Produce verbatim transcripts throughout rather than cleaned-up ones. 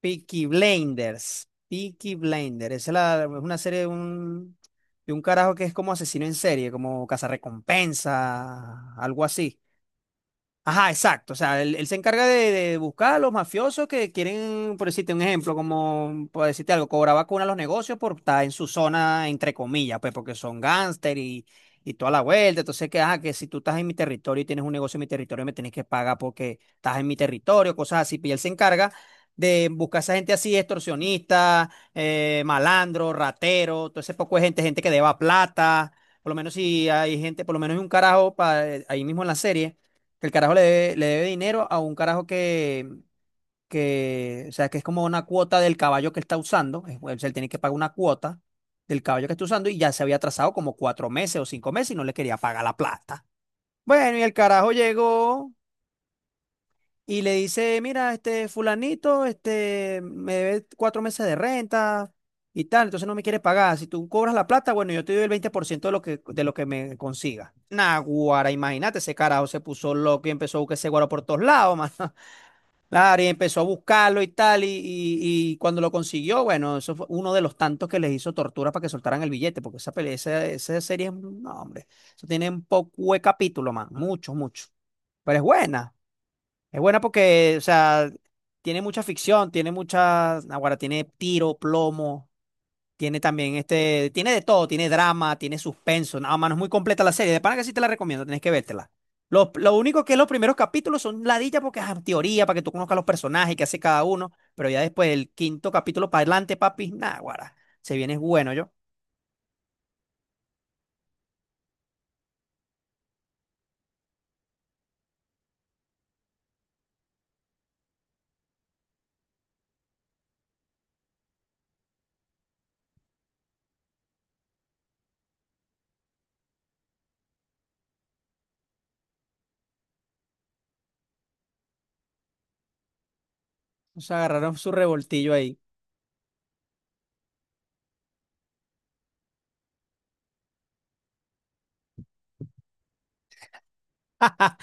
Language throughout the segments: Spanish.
Peaky Blinders. Peaky Blinders. Esa es, la- es una serie de un, de un carajo que es como asesino en serie, como cazarrecompensa, algo así. Ajá, exacto. O sea, él, él se encarga de, de buscar a los mafiosos que quieren, por decirte un ejemplo, como, por decirte algo, cobrar vacuna a los negocios por estar en su zona, entre comillas, pues porque son gángster y, y toda la vuelta. Entonces, que, ajá, que si tú estás en mi territorio y tienes un negocio en mi territorio, me tienes que pagar porque estás en mi territorio, cosas así. Pues, y él se encarga de buscar a esa gente así, extorsionista, eh, malandro, ratero, todo ese poco de gente, gente que deba plata. Por lo menos si hay gente, por lo menos hay un carajo pa- eh, ahí mismo en la serie que el carajo le debe, le debe dinero a un carajo que, que, o sea, que es como una cuota del caballo que él está usando. es- O sea, él tiene que pagar una cuota del caballo que está usando y ya se había atrasado como cuatro meses o cinco meses y no le quería pagar la plata. Bueno, y el carajo llegó y le dice, mira, este fulanito, este, me debe cuatro meses de renta y tal, entonces no me quiere pagar. Si tú cobras la plata, bueno, yo te doy el veinte por ciento de lo que, de lo que me consiga. Naguara, imagínate, ese carajo se puso loco y empezó a buscar ese guaro por todos lados, mano. Claro, y empezó a buscarlo y tal, y, y- y cuando lo consiguió, bueno, eso fue uno de los tantos que les hizo tortura para que soltaran el billete, porque esa pelea, esa, esa serie, es un- no, hombre, eso tiene un poco de capítulo, man, mucho mucho. Pero es buena, es buena porque, o sea, tiene mucha ficción, tiene mucha, ahora tiene tiro, plomo, tiene también este, tiene de todo, tiene drama, tiene suspenso, nada más, no es muy completa la serie. De pana que sí te la recomiendo, tenés que vértela. Lo, lo único que es los primeros capítulos son ladilla porque es teoría para que tú conozcas los personajes que hace cada uno, pero ya después del quinto capítulo para adelante, papi, nada, guara, se viene es bueno yo. Se agarraron su revoltillo ahí.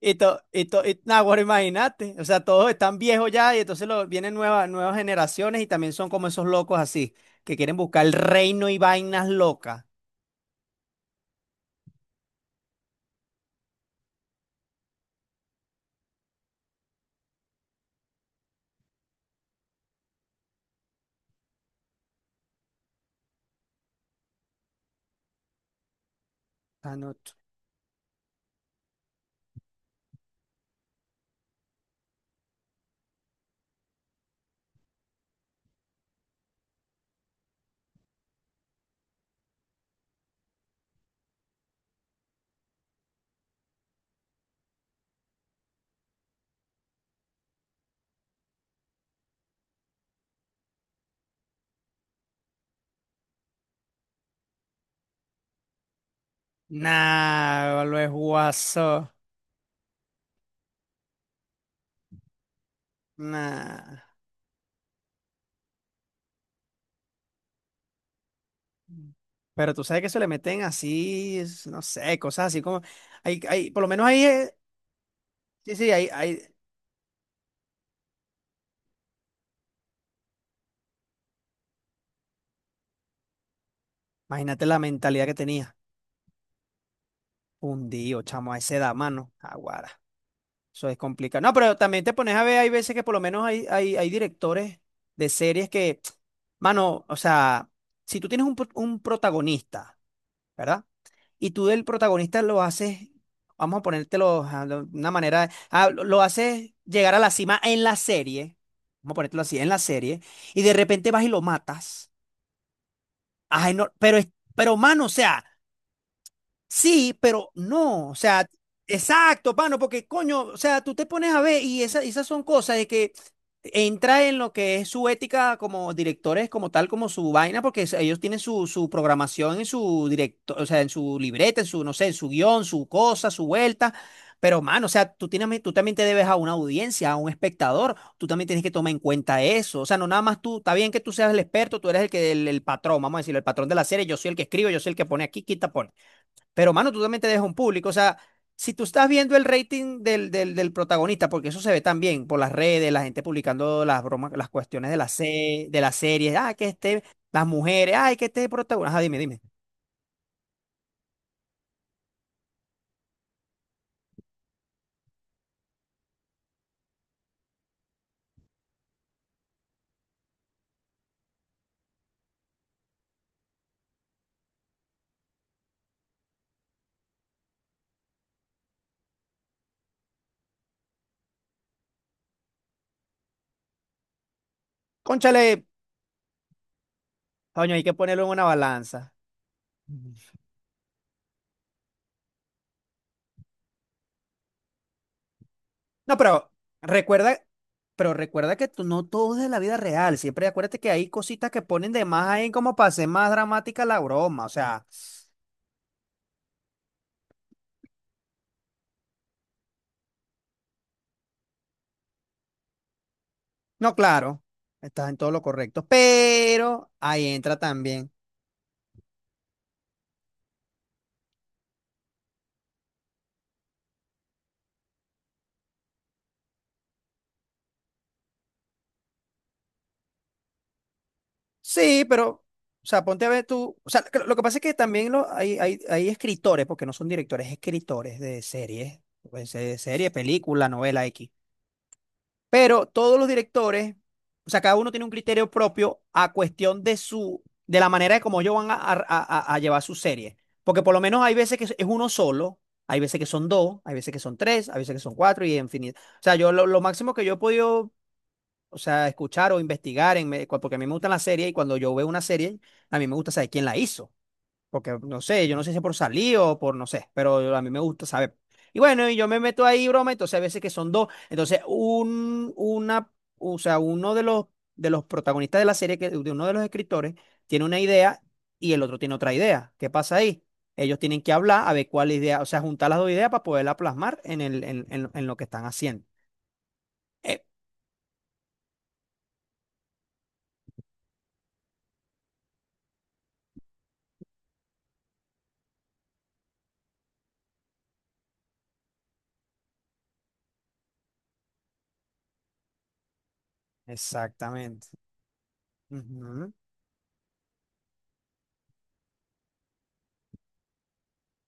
Y to, y to, y, nah, guara, imagínate, o sea, todos están viejos ya y entonces lo, vienen nuevas, nuevas generaciones y también son como esos locos así, que quieren buscar el reino y vainas locas. Anoto. Nah, lo es guaso. Nah. Pero tú sabes que se le meten así, es- no sé, cosas así como. Hay, hay, por lo menos ahí. eh, Sí, sí, ahí, ahí. Imagínate la mentalidad que tenía. Hundido, chamo, a esa edad, mano. Aguara. Eso es complicado. No, pero también te pones a ver, hay veces que por lo menos hay, hay, hay directores de series que, mano, o sea, si tú tienes un, pro- un protagonista, ¿verdad? Y tú del protagonista lo haces, vamos a ponértelo a lo- una manera, ah, lo, lo haces llegar a la cima en la serie, vamos a ponértelo así, en la serie, y de repente vas y lo matas. Ay, no, pero, es- pero, mano, o sea. Sí, pero no, o sea, exacto, mano, porque coño, o sea, tú te pones a ver y esa- esas son cosas de que entra en lo que es su ética como directores, como tal, como su vaina, porque es- ellos tienen su, su programación en su directo, o sea, en su libreta, en su, no sé, en su guión, su cosa, su vuelta. Pero, mano, o sea, tú tienes, tú también te debes a una audiencia, a un espectador, tú también tienes que tomar en cuenta eso. O sea, no nada más tú, está bien que tú seas el experto, tú eres el que, el, el patrón, vamos a decirlo, el patrón de la serie, yo soy el que escribo, yo soy el que pone aquí, quita, pone. Pero, mano, tú también te dejas un público. O sea, si tú estás viendo el rating del, del, del protagonista, porque eso se ve también por las redes, la gente publicando las bromas, las cuestiones de la, se- de las series ah, que este, las mujeres, ay, que este protagonista. Ajá, dime, dime. Cónchale, coño, hay que ponerlo en una balanza. Ujú. No, pero recuerda, pero recuerda que tú no todo es de la vida real. Siempre acuérdate que hay cositas que ponen de más ahí como para hacer más dramática la broma. O sea, no, claro, estás en todo lo correcto. Pero ahí entra también. Sí, pero, o sea, ponte a ver tú, o sea, lo lo que pasa es que también lo- hay, hay, hay escritores, porque no son directores, escritores de series, pues, de serie, película, novela X. Pero todos los directores, o sea, cada uno tiene un criterio propio a cuestión de su, de la manera de cómo ellos van a, a, a- a llevar su serie. Porque por lo menos hay veces que es es uno solo, hay veces que son dos, hay veces que son tres, hay veces que son cuatro y infinito. O sea, yo lo, lo, máximo que yo he podido o sea, escuchar o investigar, en, me- cua- porque a mí me gustan las series y cuando yo veo una serie, a mí me gusta saber quién la hizo, porque no sé, yo no sé si es por salir o por no sé, pero yo- a mí me gusta saber. Y bueno, y yo me meto ahí, broma, entonces a veces que son dos, entonces un, una, o sea, uno de los, de los, protagonistas de la serie, que, de uno de los escritores, tiene una idea y el otro tiene otra idea. ¿Qué pasa ahí? Ellos tienen que hablar a ver cuál idea, o sea, juntar las dos ideas para poderla plasmar en el, en, en- en lo que están haciendo. Eh, Exactamente. Ujú.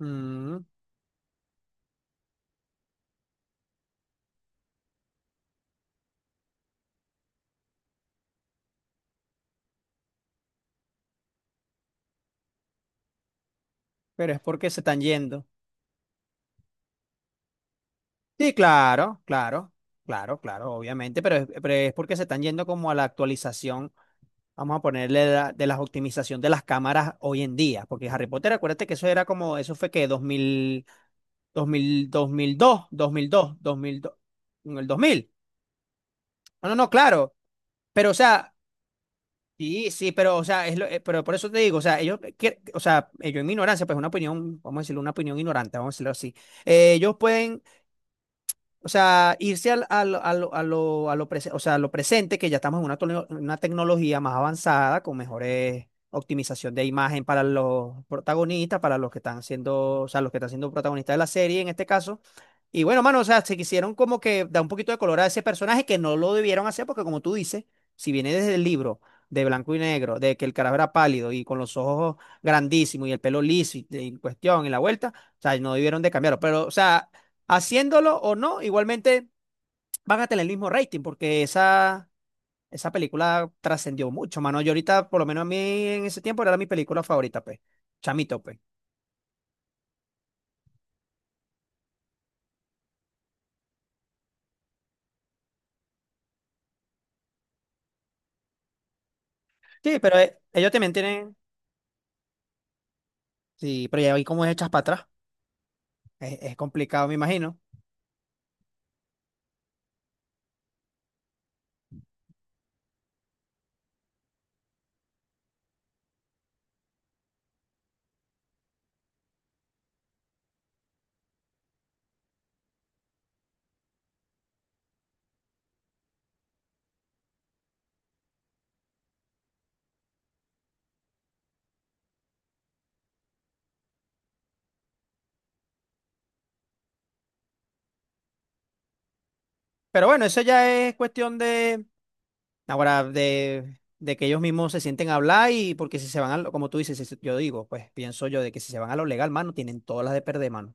Mm, pero es porque se están yendo. Sí, claro, claro, claro, claro, obviamente, pero es, pero es porque se están yendo como a la actualización, vamos a ponerle la- de la optimización de las cámaras hoy en día, porque Harry Potter, acuérdate que eso era como, eso fue que dos dos dos mil dos mil dos, dos mil dos dos mil dos en el dos mil. No, no, no, claro, pero o sea, sí, sí, pero o sea, es lo- eh, pero por eso te digo, o sea, ellos, quier- o sea, ellos en mi ignorancia, pues una opinión, vamos a decirlo, una opinión ignorante, vamos a decirlo así. eh, ellos pueden, o sea, irse al, al- a lo, a lo- a lo prese- o sea, a lo presente, que ya estamos en una, tole- una tecnología más avanzada, con mejores optimización de imagen para los protagonistas, para los que están siendo, o sea, los que están siendo protagonistas de la serie en este caso. Y bueno, mano, o sea, se quisieron como que dar un poquito de color a ese personaje que no lo debieron hacer, porque como tú dices, si viene desde el libro de blanco y negro, de que el carajo era pálido y con los ojos grandísimos y el pelo liso y, y cuestión y la vuelta. O sea, no debieron de cambiarlo. Pero, o sea, haciéndolo o no, igualmente van a tener el mismo rating porque esa, esa película trascendió mucho, mano. Yo ahorita, por lo menos a mí en ese tiempo, era mi película favorita, pues. Chamito, pues. Sí, pero eh, ellos también tienen. Sí, pero ya vi cómo es echas para atrás. Es, es complicado, me imagino. Pero bueno, eso ya es cuestión de. Ahora, de, de que ellos mismos se sienten a hablar y porque si se van a lo, como tú dices, si se- yo digo, pues pienso yo de que si se van a lo legal, mano, tienen todas las de perder, mano.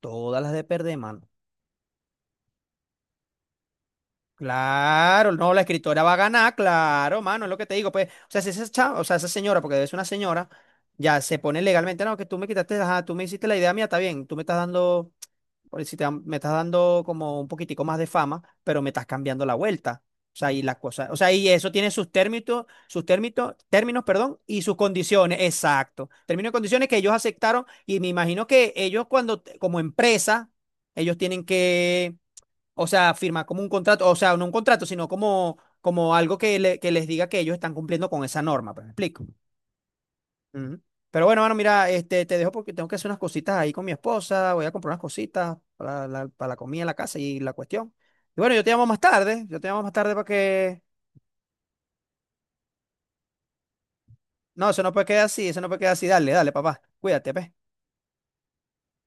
Todas las de perder, mano. Claro, no, la escritora va a ganar, claro, mano, es lo que te digo, pues, o sea, si esa chava, o sea, esa señora, porque debe ser una señora, ya se pone legalmente, no, que tú me quitaste, ajá, tú me hiciste la idea mía, está bien, tú me estás dando, por si te, dan- me estás dando como un poquitico más de fama, pero me estás cambiando la vuelta, o sea, y las cosas, o sea, y eso tiene sus términos, sus términos, términos, perdón, y sus condiciones, exacto, términos y condiciones que ellos aceptaron, y me imagino que ellos cuando, como empresa, ellos tienen que o sea, firmar como un contrato, o sea, no un contrato, sino como, como algo que, le- que les diga que ellos están cumpliendo con esa norma, pues, ¿me explico? Ujú. Pero bueno, mano, mira, este, te dejo porque tengo que hacer unas cositas ahí con mi esposa, voy a comprar unas cositas para la, para la comida, la casa y la cuestión. Y bueno, yo te llamo más tarde, yo te llamo más tarde para que... No, eso no puede quedar así, eso no puede quedar así, dale, dale, papá, cuídate, pues.